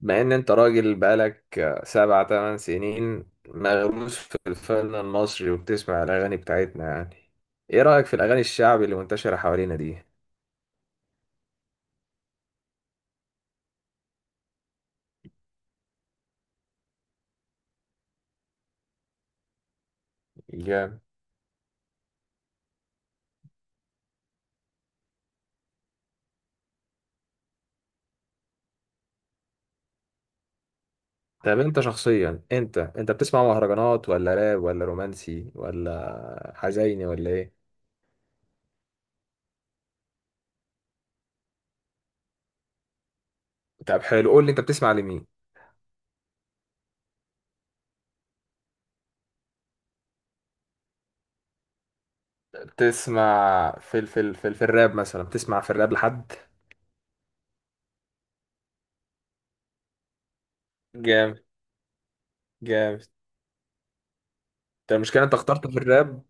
مع ان انت راجل بقالك سبع تمن سنين مغروس في الفن المصري وبتسمع الاغاني بتاعتنا، يعني ايه رأيك في الاغاني الشعبي اللي منتشرة حوالينا دي؟ جامد. طب انت شخصيا انت بتسمع مهرجانات ولا راب ولا رومانسي ولا حزيني ولا ايه؟ طب حلو، قول لي انت بتسمع لمين. بتسمع في الراب مثلا، بتسمع في الراب لحد؟ جامد، جامد. انت المشكلة انت اخترت في الراب.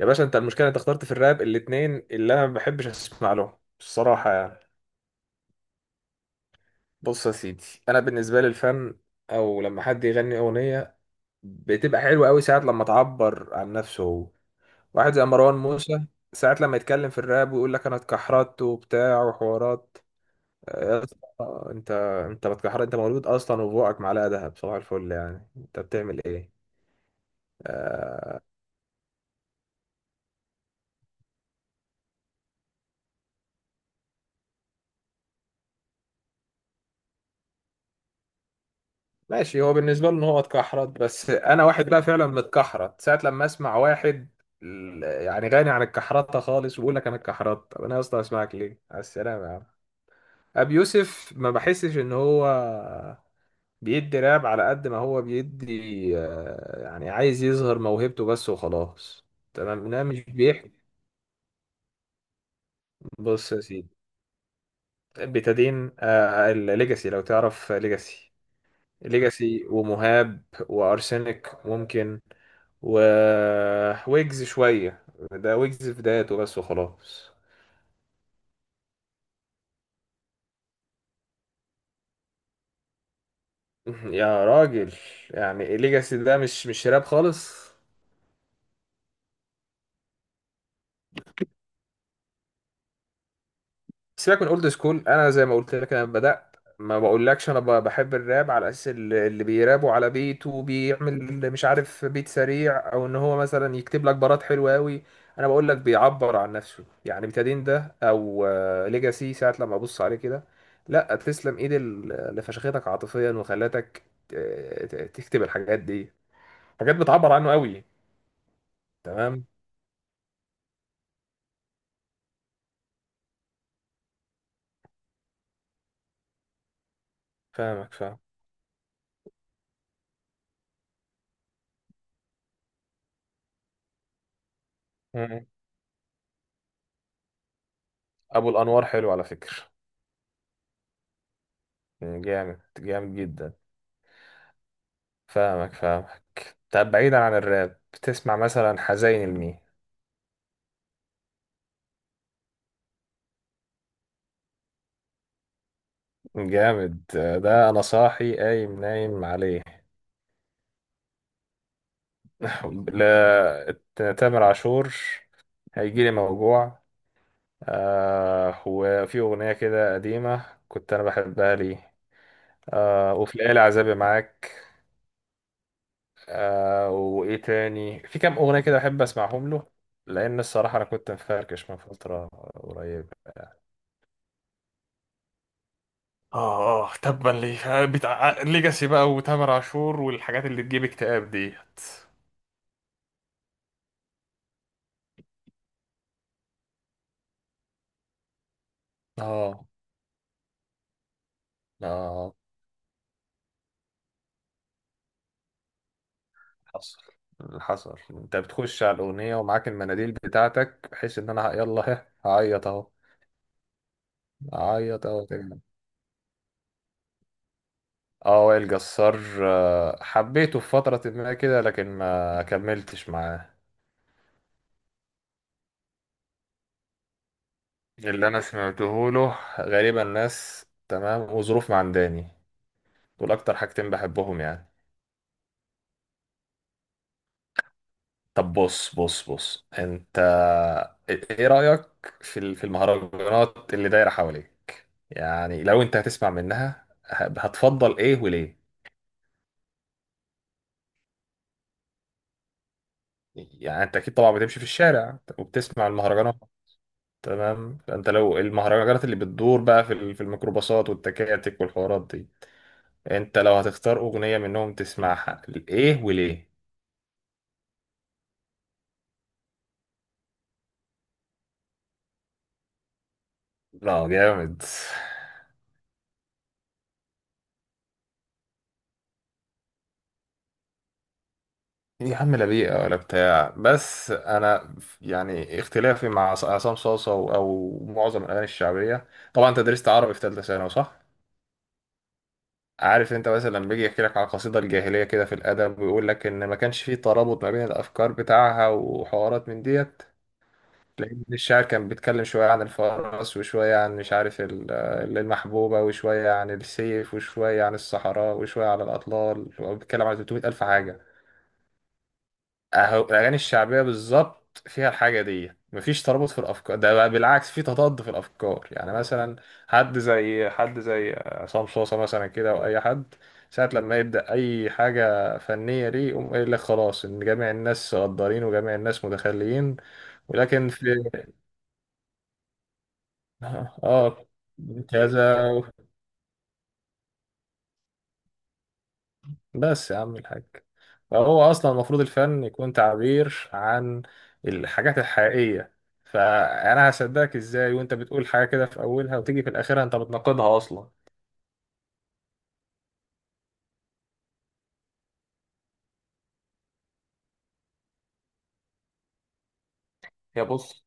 يا باشا، انت المشكله انت اخترت في الراب الاتنين اللي انا ما بحبش اسمع لهم الصراحه يعني. بص يا سيدي، انا بالنسبه لي الفن او لما حد يغني اغنيه بتبقى حلوه قوي ساعات لما تعبر عن نفسه هو. واحد زي مروان موسى ساعات لما يتكلم في الراب ويقول لك انا اتكحرت وبتاع وحوارات. يا اسطى، انت بتكحرت؟ انت مولود اصلا وبوقك معلقه دهب، صباح الفل، يعني انت بتعمل ايه؟ ماشي، هو بالنسبة له ان هو اتكحرت، بس انا واحد بقى فعلا متكحرت ساعة لما اسمع واحد يعني غني عن الكحرطة خالص ويقول لك انا اتكحرت، طب انا اصلا اسمعك ليه؟ على السلامة يا عم. ابي يوسف ما بحسش ان هو بيدي راب على قد ما هو بيدي، يعني عايز يظهر موهبته بس وخلاص. تمام، انا مش بيحكي. بص يا سيدي، بتدين الليجاسي لو تعرف ليجاسي. ليجاسي ومهاب وارسنال ممكن، و ويجز شوية. ده ويجز في بدايته بس وخلاص. يا راجل، يعني ليجاسي ده مش راب خالص. سيبك من اولد سكول، انا زي ما قلت لك انا بدات ما بقولكش انا بحب الراب على اساس اللي بيرابوا على بيت وبيعمل مش عارف بيت سريع او ان هو مثلا يكتب لك بارات حلوه قوي. انا بقول لك بيعبر عن نفسه يعني، بتادين ده او ليجاسي ساعه لما ابص عليه كده، لا تسلم ايد اللي فشختك عاطفيا وخلتك ت- تكتب الحاجات دي، حاجات بتعبر عنه قوي. تمام. فاهمك فاهم. مم. ابو الانوار حلو على فكره، يعني جامد، جامد جدا. فاهمك فاهمك. طب بعيدا عن الراب بتسمع مثلا حزين لمين؟ جامد، ده انا صاحي قايم نايم عليه. لا، تامر عاشور هيجيلي موجوع. آه، وفي اغنيه كده قديمه كنت انا بحبها لي. آه، وفي الليالي عذابي معاك. آه، وايه تاني، في كام اغنيه كده بحب اسمعهم له، لان الصراحه انا كنت مفركش من فتره قريبه. اه اه، تبا ليه بتاع ليجاسي بقى وتامر عاشور والحاجات اللي تجيب اكتئاب ديت. اه. لا. حصل، حصل، انت بتخش على الاغنيه ومعاك المناديل بتاعتك بحيث ان انا يلا ها هعيط اهو، هعيط اهو، تمام. اه وائل جسار، حبيته في فتره ما كده لكن ما كملتش معاه. اللي انا سمعته له غالبا ناس تمام وظروف معنداني، دول اكتر حاجتين بحبهم يعني. طب بص، بص انت إيه رأيك في المهرجانات اللي دايرة حواليك؟ يعني لو انت هتسمع منها هتفضل ايه وليه؟ يعني انت اكيد طبعا بتمشي في الشارع وبتسمع المهرجانات. تمام، فانت لو المهرجانات اللي بتدور بقى في الميكروباصات والتكاتك والحوارات دي، انت لو هتختار اغنية منهم تسمعها، ايه وليه؟ لا جامد. يا عم لا بيئة ولا بتاع، بس أنا يعني اختلافي مع عصام صاصة أو معظم الأغاني الشعبية. طبعا أنت درست عربي في تالتة ثانوي صح؟ عارف أنت مثلا لما بيجي يحكي لك على القصيدة الجاهلية كده في الأدب ويقول لك إن ما كانش فيه ترابط ما بين الأفكار بتاعها وحوارات من ديت. لأن الشاعر كان بيتكلم شوية عن الفرس وشوية عن مش عارف المحبوبة وشوية عن السيف وشوية عن الصحراء وشوية عن الأطلال وبيتكلم عن 300 ألف حاجة. اهو الاغاني الشعبيه بالظبط فيها الحاجه دي، مفيش ترابط في الافكار، ده بقى بالعكس في تضاد في الافكار. يعني مثلا حد زي عصام صوصه مثلا كده او اي حد ساعه لما يبدا اي حاجه فنيه ليه يقوم قايل لك خلاص ان جميع الناس غدارين وجميع الناس متخليين ولكن في. اه. كذا. بس يا عم الحاج، فهو اصلا المفروض الفن يكون تعبير عن الحاجات الحقيقيه. فانا هصدقك ازاي وانت بتقول حاجه كده في اولها وتيجي في الاخير انت بتناقضها اصلا؟ هي بص،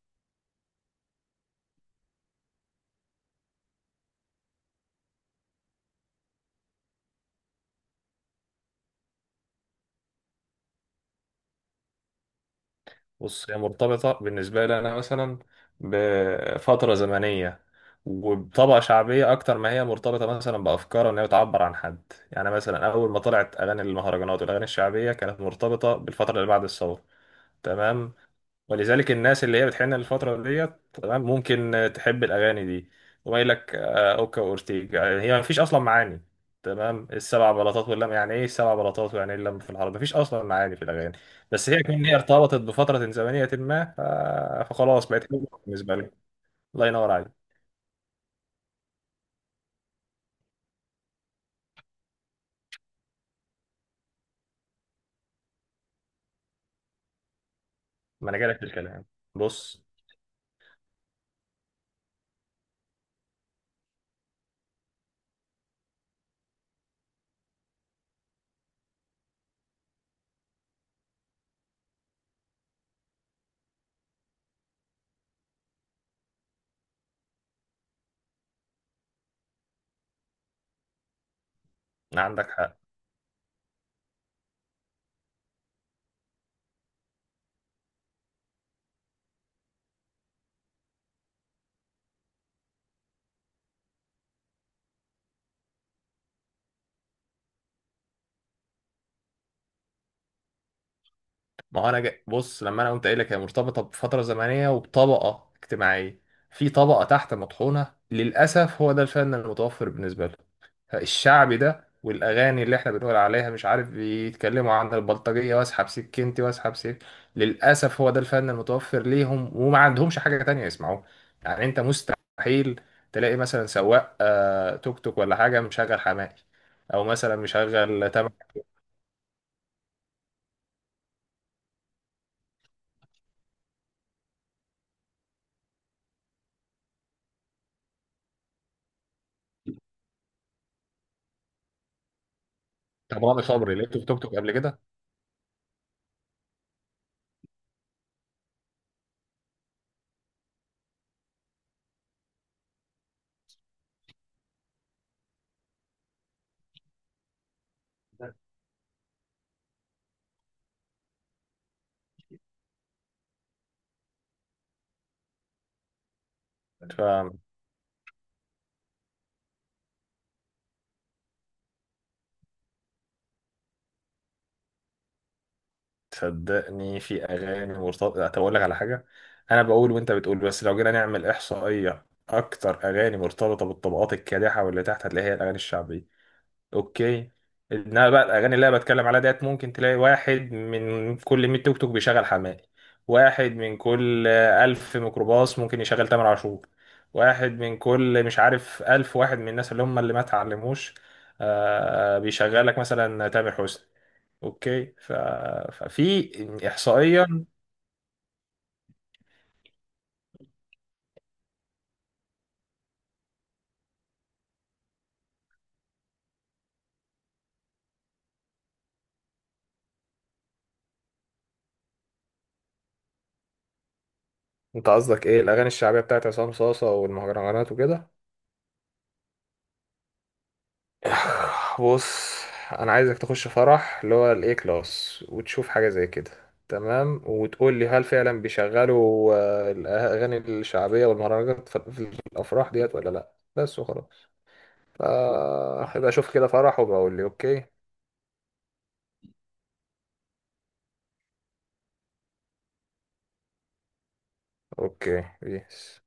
هي مرتبطه بالنسبه لي انا مثلا بفتره زمنيه وبطبقه شعبيه اكتر ما هي مرتبطه مثلا بافكار ان هي بتعبر عن حد. يعني مثلا اول ما طلعت اغاني المهرجانات والاغاني الشعبيه كانت مرتبطه بالفتره اللي بعد الثوره. تمام، ولذلك الناس اللي هي بتحن الفترة ديت تمام ممكن تحب الأغاني دي. وما يقول لك أوكا وأورتيجا يعني هي ما فيش أصلا معاني. تمام السبع بلاطات واللم، يعني إيه السبع بلاطات ويعني إيه اللم في العرب، ما فيش أصلا معاني في الأغاني. بس هي كمان هي ارتبطت بفترة زمنية ما فخلاص بقت حلوة بالنسبة لك. الله ينور عليك. ما أنا جاي لك في الكلام. بص. عندك حق. ما هو انا بص لما انا قلت قايل لك هي مرتبطه بفتره زمنيه وبطبقه اجتماعيه. في طبقه تحت مطحونه، للاسف هو ده الفن المتوفر بالنسبه له، الشعبي ده، والاغاني اللي احنا بنقول عليها مش عارف بيتكلموا عن البلطجيه واسحب سكينتي واسحب سك. للاسف هو ده الفن المتوفر ليهم وما عندهمش حاجه تانية يسمعوها. يعني انت مستحيل تلاقي مثلا سواق توك توك ولا حاجه مشغل حماقي او مثلا مشغل تامر. طب رامي صبري لقيته في توك توك قبل كده. صدقني في اغاني مرتبطه. طب اقول لك على حاجه، انا بقول وانت بتقول، بس لو جينا نعمل احصائيه اكتر اغاني مرتبطه بالطبقات الكادحه واللي تحت هتلاقي هي الاغاني الشعبيه. اوكي، انما بقى الاغاني اللي انا بتكلم عليها ديت ممكن تلاقي واحد من كل 100 توك توك بيشغل حماقي، واحد من كل 1000 ميكروباص ممكن يشغل تامر عاشور، واحد من كل مش عارف 1000 واحد من الناس اللي هم اللي ما اتعلموش بيشغلك مثلا تامر حسني. اوكي ففي احصائيا. انت قصدك ايه، الاغاني الشعبيه بتاعت عصام صاصه والمهرجانات وكده؟ بص، انا عايزك تخش فرح اللي هو الاي كلاس وتشوف حاجه زي كده. تمام، وتقول لي هل فعلا بيشغلوا الاغاني الشعبيه والمهرجانات في في الافراح ديت ولا لا، بس وخلاص. هبقى اشوف كده فرح وبقول لي اوكي. اوكي بيس.